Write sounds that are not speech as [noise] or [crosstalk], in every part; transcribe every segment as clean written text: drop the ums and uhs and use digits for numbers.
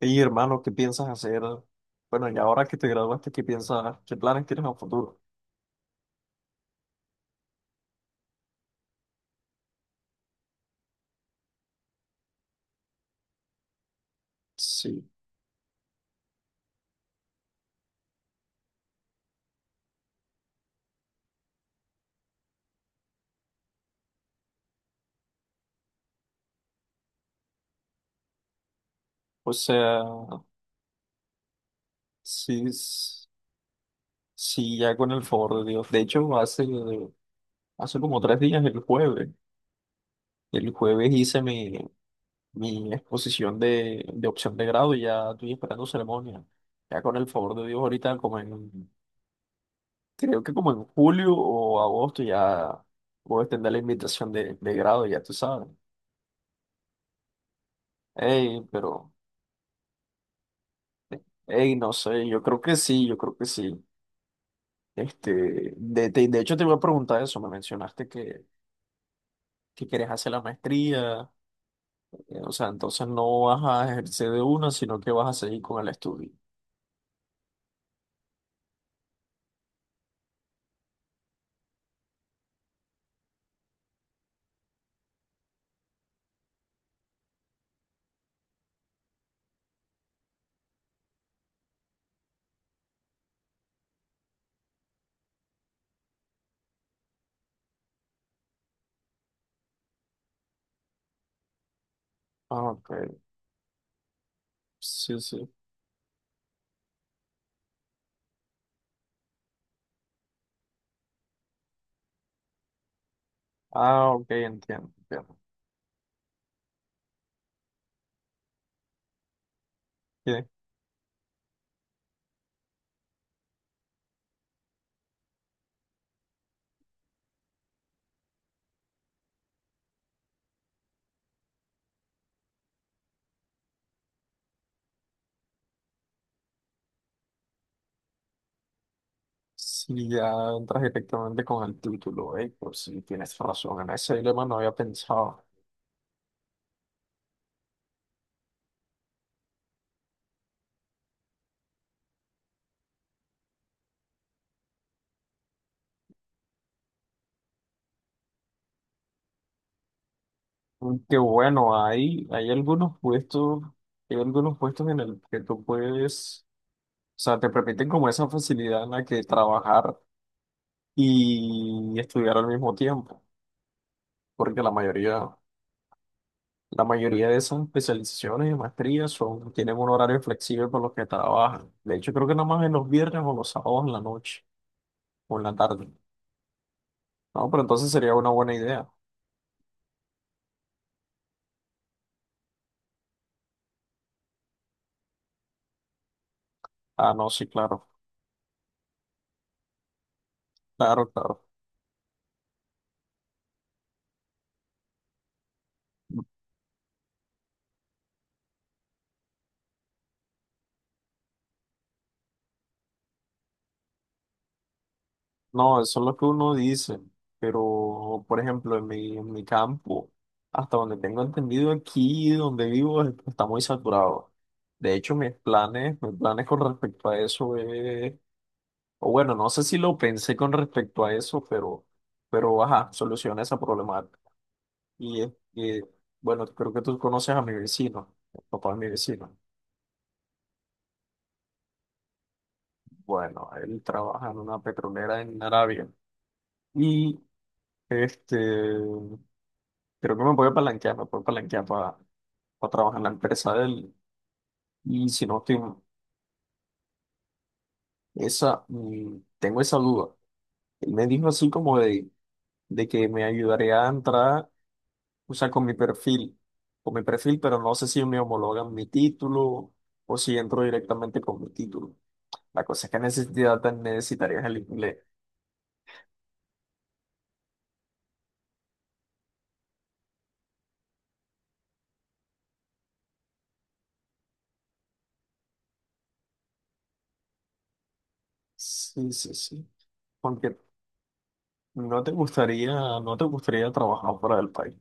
Y hermano, ¿qué piensas hacer? Bueno, y ahora que te graduaste, ¿qué piensas? ¿Qué planes tienes a futuro? Sí, o sea, sí, sí, ya con el favor de Dios. De hecho, hace como tres días, el jueves hice mi exposición de opción de grado y ya estoy esperando ceremonia. Ya con el favor de Dios, ahorita creo que como en julio o agosto ya voy a extender la invitación de grado, ya tú sabes. Ey, pero... Ey, no sé, yo creo que sí, yo creo que sí. Este, de hecho, te iba a preguntar eso. Me mencionaste que quieres hacer la maestría. O sea, entonces no vas a ejercer de una, sino que vas a seguir con el estudio. Ah, ok. Sí, sí. Ah, ok, entiendo. Entiendo. Bien. Si ya entras directamente con el título, pues sí, tienes razón. En ese dilema no había pensado. Que bueno, hay algunos puestos en el que tú puedes. O sea, te permiten como esa facilidad en la que trabajar y estudiar al mismo tiempo, porque la mayoría de esas especializaciones y maestrías son, tienen un horario flexible por los que trabajan. De hecho, creo que nada más en los viernes o los sábados en la noche o en la tarde. No, pero entonces sería una buena idea. Ah, no, sí, claro, claro, claro. No, eso es lo que uno dice, pero por ejemplo, en mi campo, hasta donde tengo entendido aquí, donde vivo, está muy saturado. De hecho, mis planes con respecto a eso es, o bueno, no sé si lo pensé con respecto a eso, pero ajá, soluciona esa problemática. Y es que, bueno, creo que tú conoces a mi vecino, el papá de mi vecino. Bueno, él trabaja en una petrolera en Arabia. Y este creo que me voy a palanquear, me puedo palanquear para trabajar en la empresa de él. Y si no estoy, tengo esa duda. Él me dijo así como de que me ayudaría a entrar, o sea, con mi perfil, pero no sé si me homologan mi título o si entro directamente con mi título. La cosa es que necesitaría, necesitarías el inglés. Sí, sí, sí. Porque no te gustaría, no te gustaría trabajar fuera del país.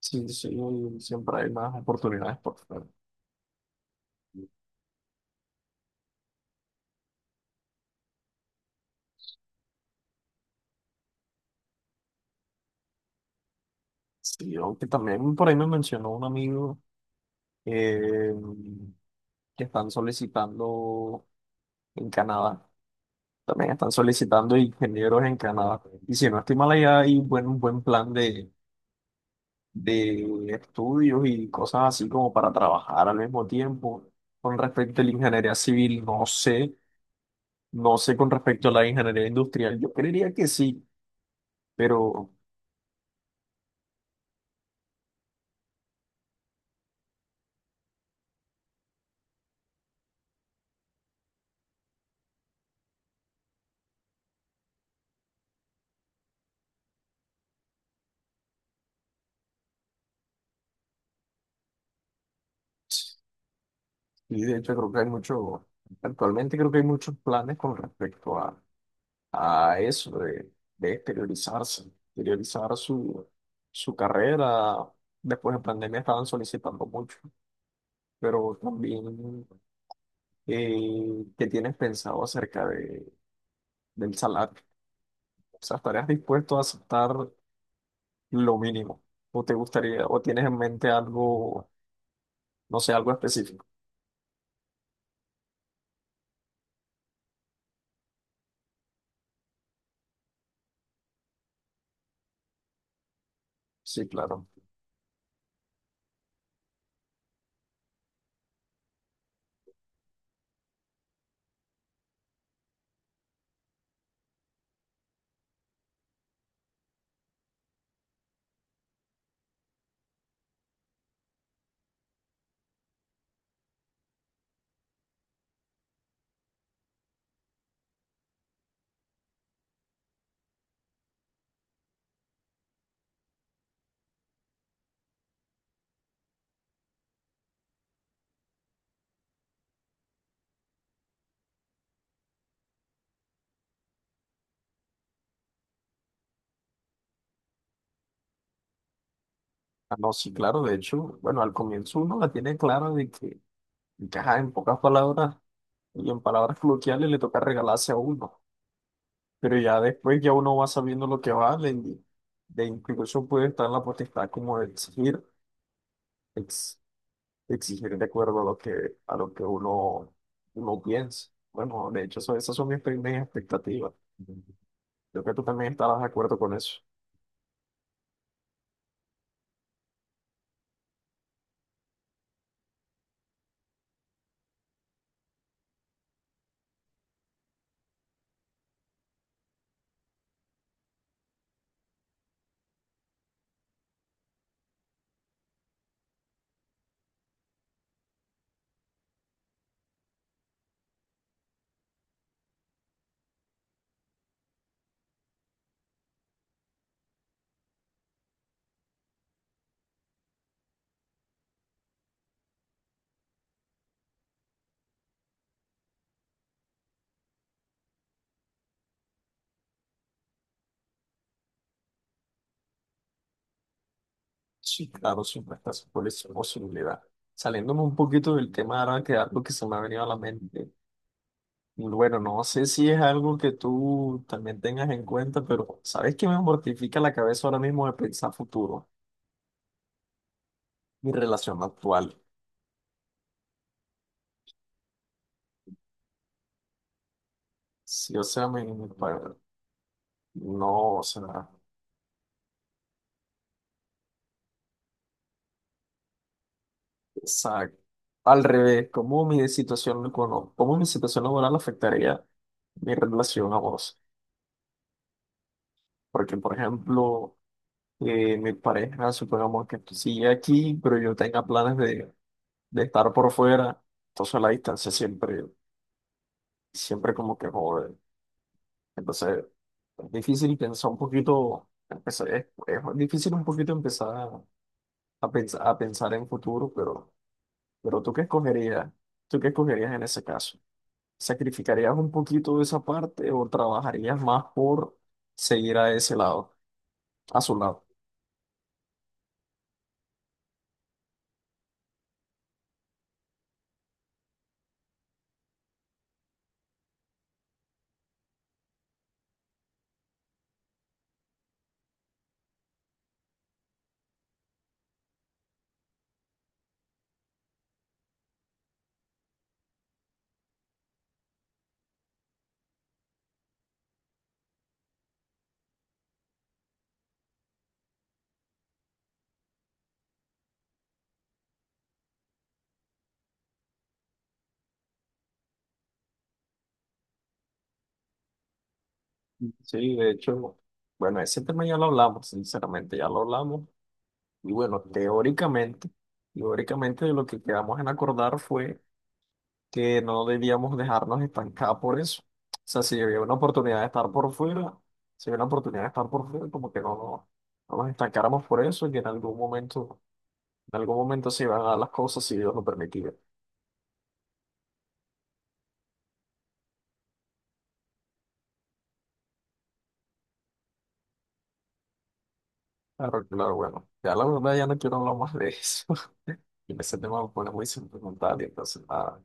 Sí, sí, siempre hay más oportunidades por fuera. Sí, yo que también por ahí me mencionó un amigo eh, que están solicitando en Canadá. También están solicitando ingenieros en Canadá. Y si no estoy mal, un buen plan de estudios y cosas así como para trabajar al mismo tiempo. Con respecto a la ingeniería civil, no sé. No sé con respecto a la ingeniería industrial. Yo creería que sí, pero sí, de hecho creo que hay mucho, actualmente creo que hay muchos planes con respecto a eso de exteriorizarse, exteriorizar su carrera. Después de pandemia estaban solicitando mucho, pero también qué tienes pensado acerca de, del salario. O sea, ¿estarías dispuesto a aceptar lo mínimo? ¿O te gustaría, o tienes en mente algo, no sé, algo específico? Sí, claro. Ah, no, sí, claro. De hecho, bueno, al comienzo uno la tiene clara de que, ajá, en pocas palabras y en palabras coloquiales le toca regalarse a uno. Pero ya después ya uno va sabiendo lo que va, de incluso puede estar en la potestad como de exigir, ex- exigir de acuerdo a lo que uno, uno piensa. Bueno, de hecho, esas son mis primeras expectativas. Creo que tú también estarás de acuerdo con eso. Sí, claro, siempre está esa posibilidad. Saliéndome un poquito del tema ahora que algo que se me ha venido a la mente. Bueno, no sé si es algo que tú también tengas en cuenta, pero ¿sabes qué me mortifica la cabeza ahora mismo de pensar futuro? Mi relación actual. Sí, o sea, no, o sea, exacto, al revés, ¿cómo mi cómo mi situación laboral afectaría mi relación a vos? Porque, por ejemplo, mi pareja, supongamos que sigue aquí, pero yo tenga planes de estar por fuera, entonces la distancia siempre, siempre como que jode. Entonces, es difícil pensar un poquito, es difícil un poquito empezar a pensar en futuro, pero... Pero ¿tú qué escogerías? ¿Tú qué escogerías en ese caso? ¿Sacrificarías un poquito de esa parte o trabajarías más por seguir a ese lado, a su lado? Sí, de hecho, bueno, ese tema ya lo hablamos, sinceramente, ya lo hablamos. Y bueno, teóricamente, teóricamente lo que quedamos en acordar fue que no debíamos dejarnos estancar por eso. O sea, si había una oportunidad de estar por fuera, si había una oportunidad de estar por fuera, como que no, no, no nos estancáramos por eso y que en algún momento en algún momento se iban a dar las cosas si Dios lo permitía. Claro, claro, bueno. Ya la verdad ya no quiero hablar más de eso. [laughs] Y ese tema me pone muy sentimental. Y entonces, nada.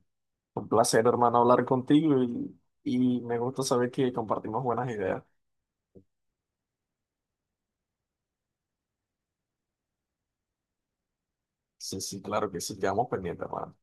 Un placer, hermano, hablar contigo y me gusta saber que compartimos buenas ideas. Sí, sí, claro que sí, quedamos pendientes, hermano.